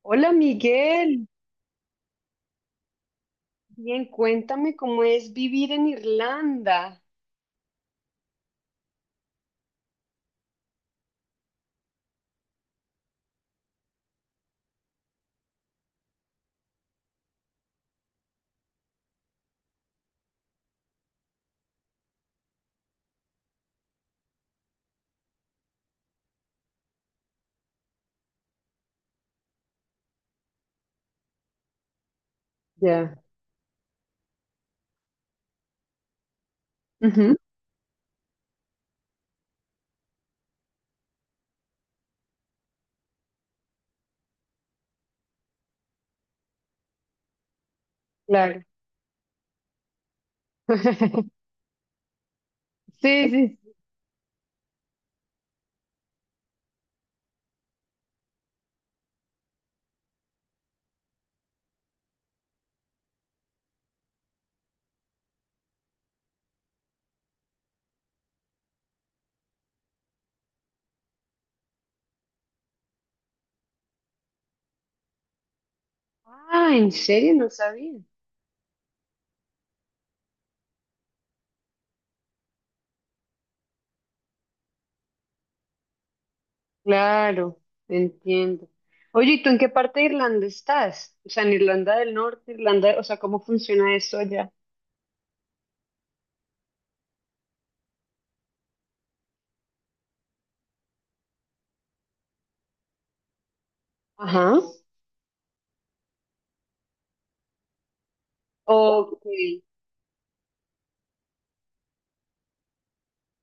Hola, Miguel. Bien, cuéntame cómo es vivir en Irlanda. Ya, ujú, claro. Sí, sí. Ah, ¿en serio? No sabía. Claro, entiendo. Oye, ¿y tú en qué parte de Irlanda estás? O sea, ¿en Irlanda del Norte, Irlanda, o sea, cómo funciona eso allá? Ajá, ok,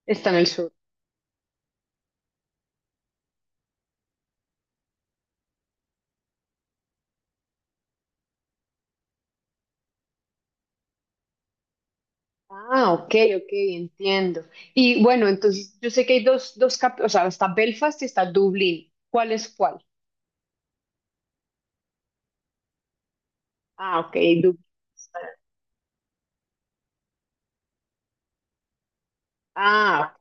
está en el sur. Ah, ok, ok, entiendo. Y bueno, entonces yo sé que hay dos cap- o sea, está Belfast y está Dublín. ¿Cuál es cuál? Ah, ok. Du- Ah,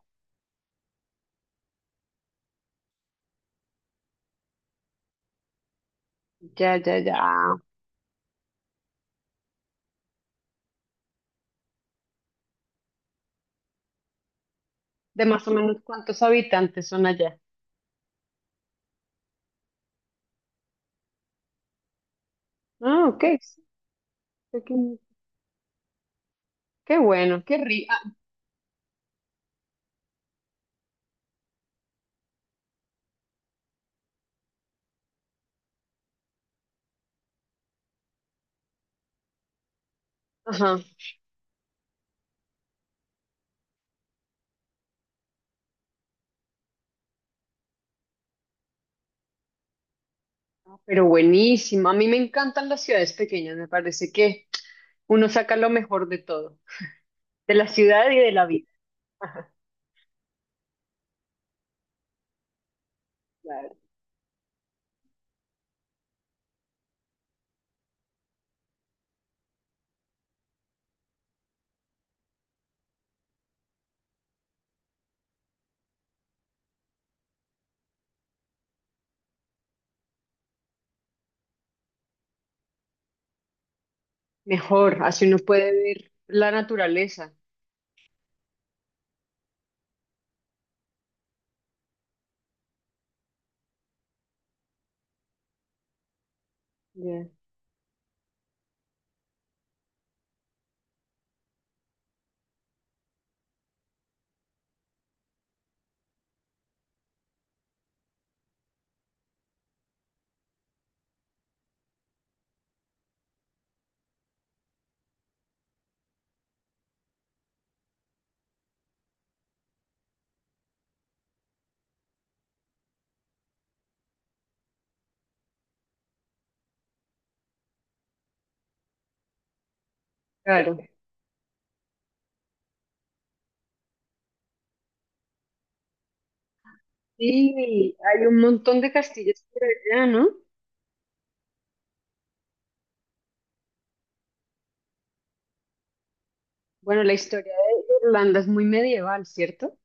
ya, ya, ya. De más o menos cuántos habitantes son allá. Ah, ok, sí, pequeño. Qué bueno, qué rico. Ajá, pero buenísimo. A mí me encantan las ciudades pequeñas. Me parece que uno saca lo mejor de todo, de la ciudad y de la vida. Ajá, claro. Mejor, así uno puede ver la naturaleza. Ya, claro. Sí, hay un montón de castillos por allá, ¿no? Bueno, la historia de Irlanda es muy medieval, ¿cierto?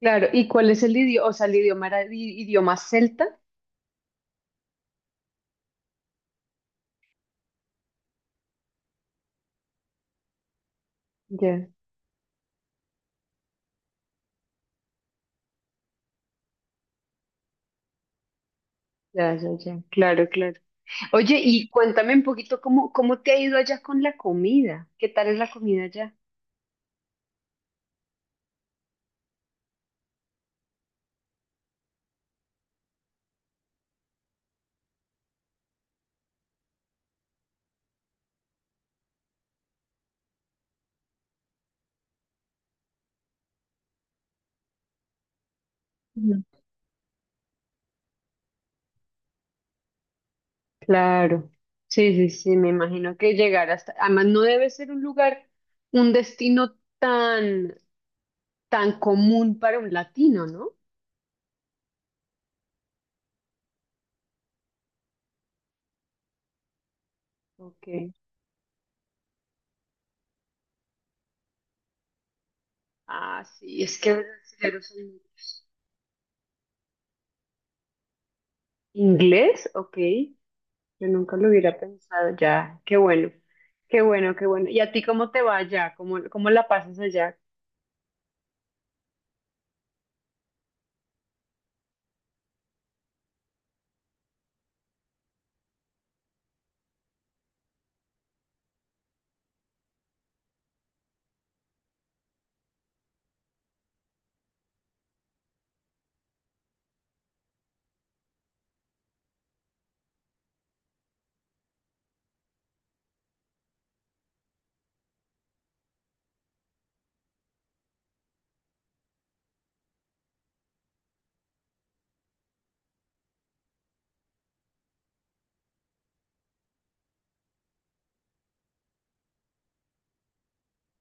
Claro, ¿y cuál es el idioma? O sea, el idioma era i- idioma celta. Ya, ya, ya, ya. Claro, claro. Oye, y cuéntame un poquito cómo, cómo te ha ido allá con la comida. ¿Qué tal es la comida allá? Ujú. Claro. Sí, sí, sí, me imagino que llegar hasta, además no debe ser un lugar, un destino tan, tan común para un latino, ¿no? Ok. Ah, sí, es que los brasileños son muchos. ¿Inglés? Ok. Yo nunca lo hubiera pensado ya. Qué bueno, qué bueno, qué bueno. ¿Y a ti cómo te va allá? ¿Cómo, cómo la pasas allá?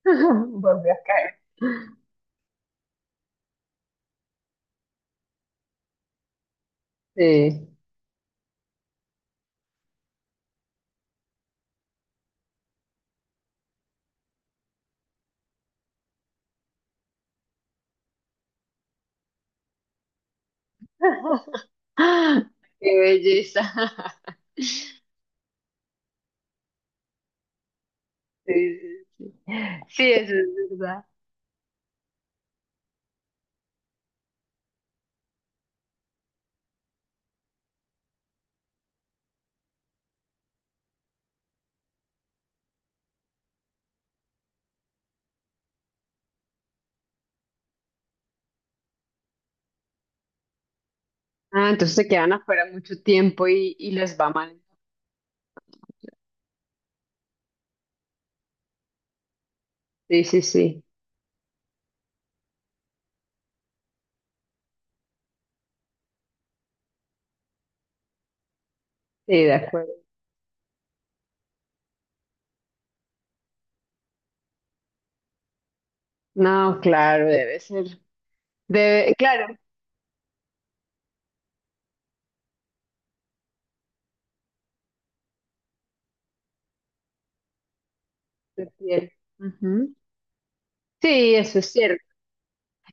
Volví a caer. Sí. Qué belleza. Sí, sí, sí. Sí, eso es verdad. Ah, entonces se quedan afuera mucho tiempo y les va mal. Sí, sí, sí. Sí, de acuerdo. No, claro, debe ser. Debe, claro, de piel. Ujú. Sí, eso es cierto.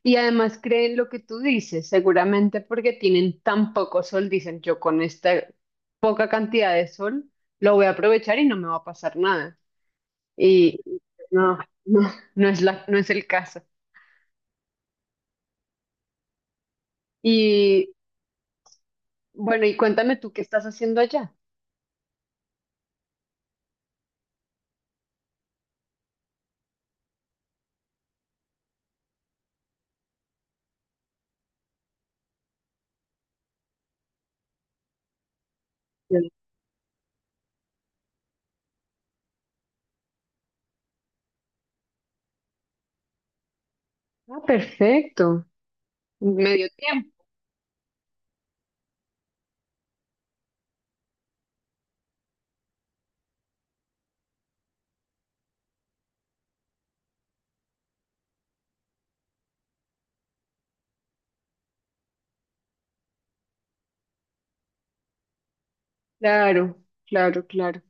Y además creen lo que tú dices, seguramente porque tienen tan poco sol, dicen yo con esta poca cantidad de sol lo voy a aprovechar y no me va a pasar nada. Y no, no, no es la, no es el caso. Y bueno, y cuéntame tú qué estás haciendo allá. Sí. Ah, perfecto. Medio tiempo. Claro, claro, claro.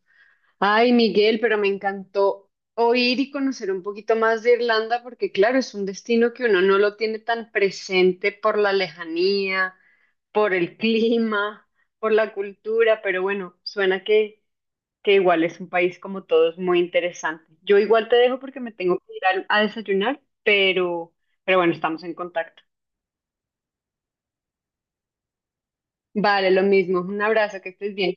Ay, Miguel, pero me encantó oír y conocer un poquito más de Irlanda porque, claro, es un destino que uno no lo tiene tan presente por la lejanía, por el clima, por la cultura, pero bueno, suena que igual es un país como todos muy interesante. Yo igual te dejo porque me tengo que ir a desayunar, pero bueno, estamos en contacto. Vale, lo mismo. Un abrazo, que estés bien.